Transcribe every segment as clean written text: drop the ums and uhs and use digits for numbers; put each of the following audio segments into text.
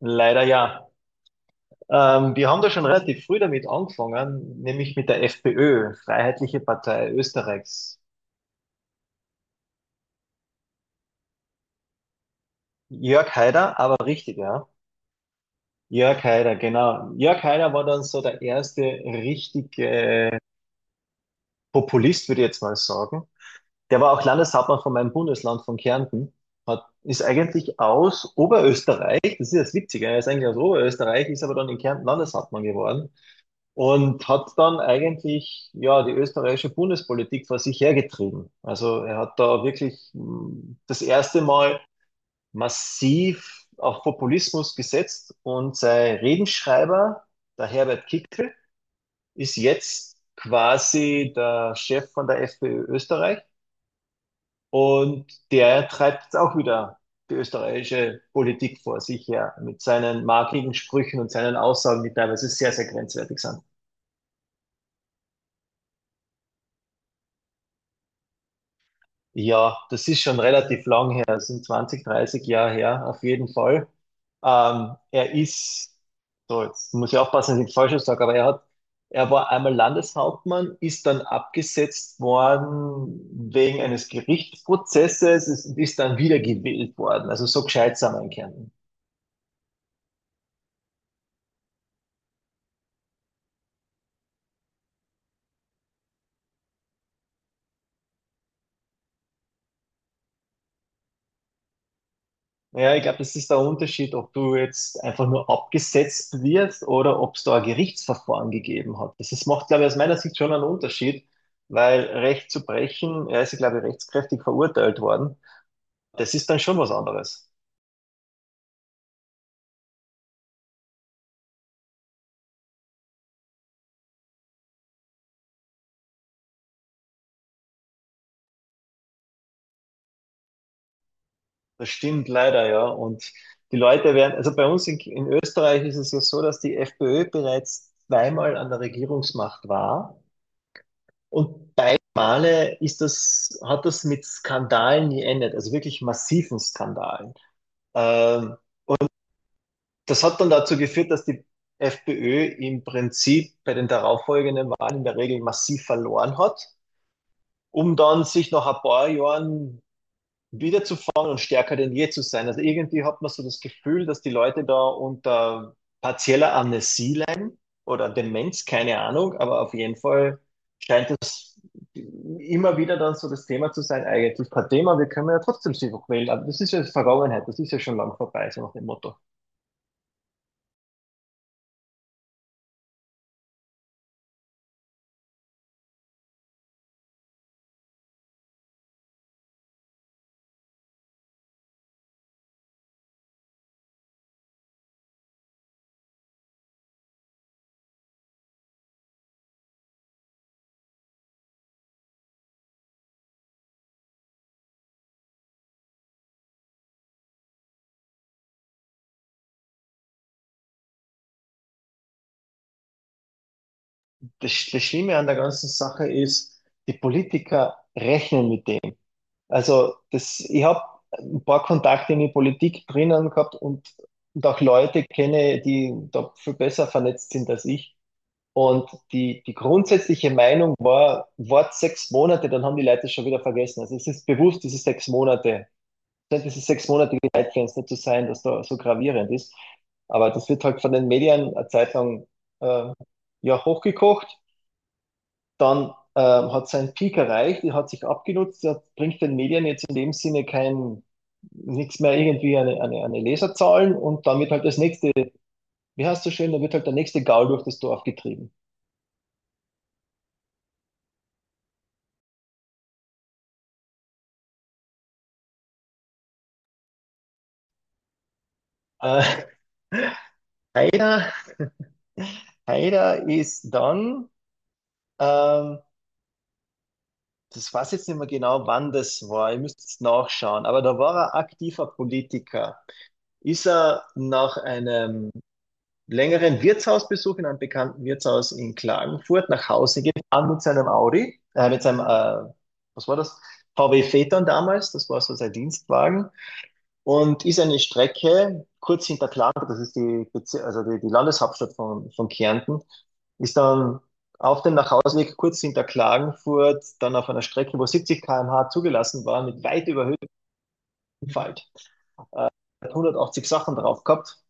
Leider ja. Die haben da schon relativ früh damit angefangen, nämlich mit der FPÖ, Freiheitliche Partei Österreichs. Jörg Haider, aber richtig, ja. Jörg Haider, genau. Jörg Haider war dann so der erste richtige Populist, würde ich jetzt mal sagen. Der war auch Landeshauptmann von meinem Bundesland, von Kärnten. Ist eigentlich aus Oberösterreich, das ist das Witzige, er ist eigentlich aus Oberösterreich, ist aber dann in Kärnten Landeshauptmann geworden. Und hat dann eigentlich ja die österreichische Bundespolitik vor sich hergetrieben. Also er hat da wirklich das erste Mal massiv auf Populismus gesetzt, und sein Redenschreiber, der Herbert Kickl, ist jetzt quasi der Chef von der FPÖ Österreich, und der treibt jetzt auch wieder die österreichische Politik vor sich her mit seinen markigen Sprüchen und seinen Aussagen, die teilweise sehr, sehr grenzwertig sind. Ja, das ist schon relativ lang her, das sind 20, 30 Jahre her, auf jeden Fall. Er ist, so jetzt muss ich aufpassen, dass ich nichts Falsches sage, aber er hat, er war einmal Landeshauptmann, ist dann abgesetzt worden wegen eines Gerichtsprozesses, ist dann wieder gewählt worden. Also so gescheit sind wir in Kärnten. Ja, ich glaube, das ist der Unterschied, ob du jetzt einfach nur abgesetzt wirst oder ob es da ein Gerichtsverfahren gegeben hat. Das ist, macht, glaube ich, aus meiner Sicht schon einen Unterschied, weil Recht zu brechen, er ist, glaube ich, rechtskräftig verurteilt worden. Das ist dann schon was anderes. Das stimmt leider, ja. Und die Leute werden, also bei uns in Österreich ist es ja so, dass die FPÖ bereits zweimal an der Regierungsmacht war, und beide Male ist das, hat das mit Skandalen geendet, also wirklich massiven Skandalen. Ähm, Das hat dann dazu geführt, dass die FPÖ im Prinzip bei den darauffolgenden Wahlen in der Regel massiv verloren hat, um dann sich nach ein paar Jahren wiederzufangen und stärker denn je zu sein. Also irgendwie hat man so das Gefühl, dass die Leute da unter partieller Amnesie leiden oder Demenz, keine Ahnung, aber auf jeden Fall scheint es immer wieder dann so das Thema zu sein, eigentlich kein Thema, wir können ja trotzdem sie wählen, aber das ist ja Vergangenheit, das ist ja schon lang vorbei, so nach dem Motto. Das Schlimme an der ganzen Sache ist, die Politiker rechnen mit dem. Also das, ich habe ein paar Kontakte in die Politik drinnen gehabt, und auch Leute kenne, die da viel besser vernetzt sind als ich. Und die grundsätzliche Meinung war, wart 6 Monate, dann haben die Leute es schon wieder vergessen. Also es ist bewusst, diese 6 Monate, scheint dieses sechsmonatige Zeitfenster zu sein, das da so gravierend ist. Aber das wird halt von den Medien eine Zeit lang äh, ja, hochgekocht, dann hat sein Peak erreicht, die hat sich abgenutzt, das bringt den Medien jetzt in dem Sinne kein, nichts mehr irgendwie eine, Leserzahlen, und damit halt das nächste, wie heißt so schön, da wird halt der nächste Gaul durch das Dorf getrieben. Äh, Haider, Haider ist dann, ähm, das weiß ich jetzt nicht mehr genau, wann das war, ihr müsst jetzt nachschauen, aber da war er aktiver Politiker. Ist er nach einem längeren Wirtshausbesuch in einem bekannten Wirtshaus in Klagenfurt nach Hause gefahren mit seinem Audi, mit seinem, was war das? VW Phaeton damals, das war so sein Dienstwagen, und ist eine Strecke kurz hinter Klagenfurt, das ist die, also die Landeshauptstadt von Kärnten, ist dann auf dem Nachhauseweg kurz hinter Klagenfurt, dann auf einer Strecke, wo 70 km/h zugelassen war, mit weit überhöhtem Falt. Hat 180 Sachen drauf gehabt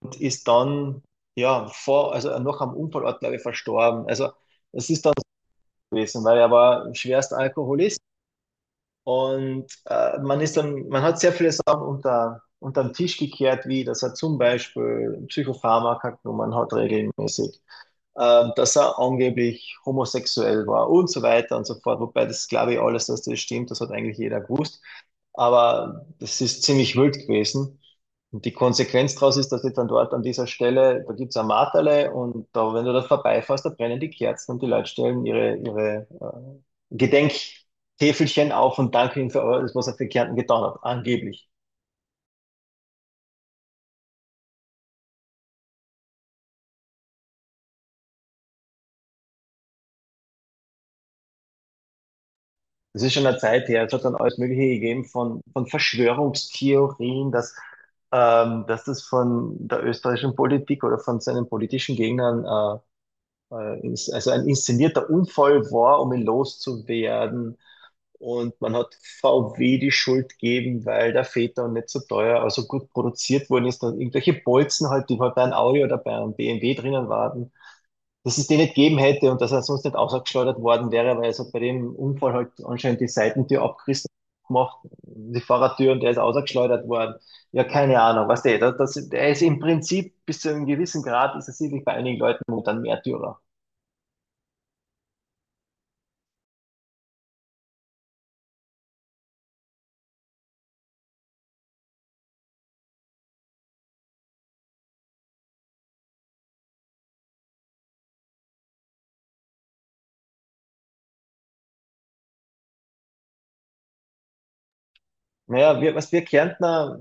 und ist dann ja vor, also noch am Unfallort, glaube ich, verstorben. Also es ist dann so gewesen, weil er war schwerst Alkoholist, und man ist dann, man hat sehr viele Sachen unter den Tisch gekehrt, wie dass er zum Beispiel Psychopharmaka genommen hat regelmäßig, dass er angeblich homosexuell war und so weiter und so fort. Wobei das glaube ich alles, dass das stimmt, das hat eigentlich jeder gewusst. Aber das ist ziemlich wild gewesen. Und die Konsequenz daraus ist, dass ich dann dort an dieser Stelle, da gibt's ein Marterle, und da, wenn du da vorbeifährst, da brennen die Kerzen, und die Leute stellen ihre, ihre Gedenktäfelchen auf und danken ihnen für alles, was er für Kärnten getan hat, angeblich. Das ist schon eine Zeit her. Es hat dann alles Mögliche gegeben von Verschwörungstheorien, dass das von der österreichischen Politik oder von seinen politischen Gegnern also ein inszenierter Unfall war, um ihn loszuwerden. Und man hat VW die Schuld gegeben, weil der Phaeton nicht so teuer, also gut produziert worden ist. Und irgendwelche Bolzen halt, die halt bei einem Audi oder bei einem BMW drinnen waren, dass es den nicht gegeben hätte und dass er sonst nicht ausgeschleudert worden wäre, weil es hat bei dem Unfall halt anscheinend die Seitentür abgerissen gemacht, die Fahrertür, und der ist ausgeschleudert worden. Ja, keine Ahnung, was der, das, das, der ist im Prinzip bis zu einem gewissen Grad, ist er sicherlich bei einigen Leuten momentan Märtyrer. Naja, wir, was wir Kärntner,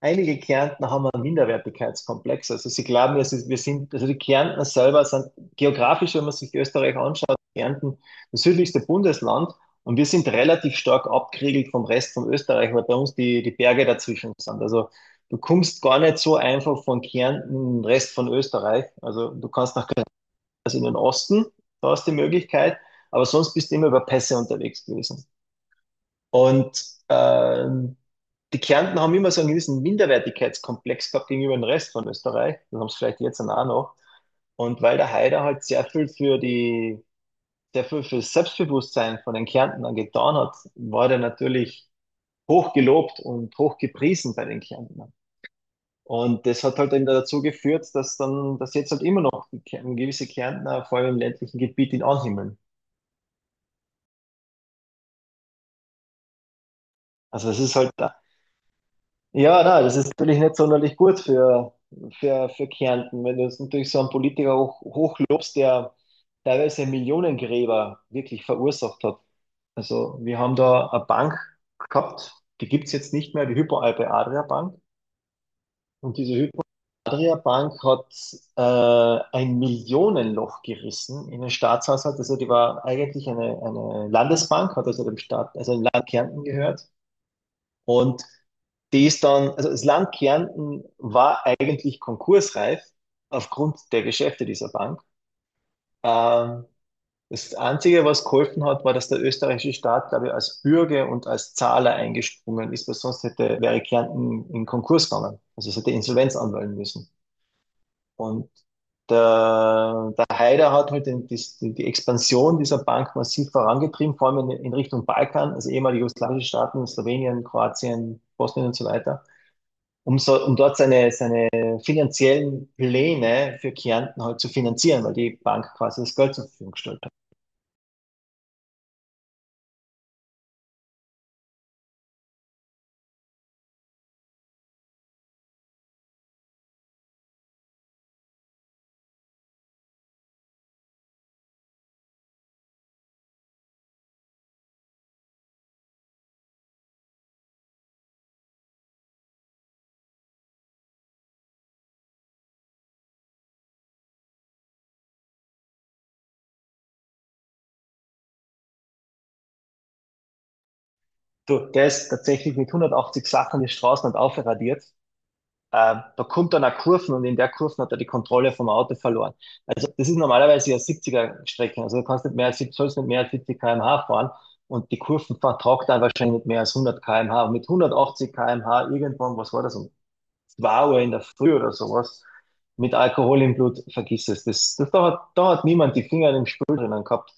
einige Kärntner haben einen Minderwertigkeitskomplex. Also sie glauben, es ist, wir sind, also die Kärntner selber sind geografisch, wenn man sich Österreich anschaut, Kärnten das südlichste Bundesland, und wir sind relativ stark abgeriegelt vom Rest von Österreich, weil bei uns die Berge dazwischen sind. Also du kommst gar nicht so einfach von Kärnten in den Rest von Österreich. Also du kannst nach also in den Osten, da ist die Möglichkeit, aber sonst bist du immer über Pässe unterwegs gewesen. Und ähm, die Kärntner haben immer so einen gewissen Minderwertigkeitskomplex gehabt gegenüber dem Rest von Österreich. Das haben sie vielleicht jetzt dann auch noch. Und weil der Haider halt sehr viel für die, sehr viel für das Selbstbewusstsein von den Kärntnern getan hat, war der natürlich hoch gelobt und hoch gepriesen bei den Kärntnern. Und das hat halt eben dazu geführt, dass dann, dass jetzt halt immer noch die, gewisse Kärntner, vor allem im ländlichen Gebiet, ihn anhimmeln. Also das ist halt, ja, na, das ist natürlich nicht sonderlich gut für, Kärnten, wenn du jetzt natürlich so einen Politiker hochlobst, der teilweise Millionengräber wirklich verursacht hat. Also wir haben da eine Bank gehabt, die gibt's jetzt nicht mehr, die Hypo-Alpe Adria Bank. Und diese Hypo Adria Bank hat ein Millionenloch gerissen in den Staatshaushalt. Also die war eigentlich eine Landesbank, hat also dem Staat, also dem Land Kärnten gehört. Und die ist dann, also das Land Kärnten war eigentlich konkursreif aufgrund der Geschäfte dieser Bank. Ähm, Das Einzige, was geholfen hat, war, dass der österreichische Staat, glaube ich, als Bürger und als Zahler eingesprungen ist, weil sonst hätte, wäre Kärnten in Konkurs gegangen. Also es hätte Insolvenz anmelden müssen. Und der, der Haider hat halt den, die Expansion dieser Bank massiv vorangetrieben, vor allem in Richtung Balkan, also ehemalige jugoslawische Staaten, Slowenien, Kroatien, Bosnien und so weiter, um, so, um dort seine, finanziellen Pläne für Kärnten halt zu finanzieren, weil die Bank quasi das Geld zur Verfügung gestellt hat. Du, der ist tatsächlich mit 180 Sachen die Straßen und aufradiert. Da kommt dann eine Kurven, und in der Kurven hat er die Kontrolle vom Auto verloren. Also das ist normalerweise ja 70er-Strecke. Also du kannst nicht mehr als 70, sollst nicht mehr als 70 km/h fahren, und die Kurven vertragt dann wahrscheinlich nicht mehr als 100 km/h. Und mit 180 km/h irgendwann, was war das, um 2 Uhr in der Früh oder sowas mit Alkohol im Blut, vergiss es. Das, das, da, da hat niemand die Finger in dem Spiel drinnen gehabt.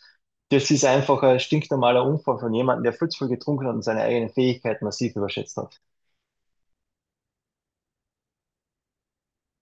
Das ist einfach ein stinknormaler Unfall von jemandem, der viel zu viel getrunken hat und seine eigenen Fähigkeiten massiv überschätzt hat.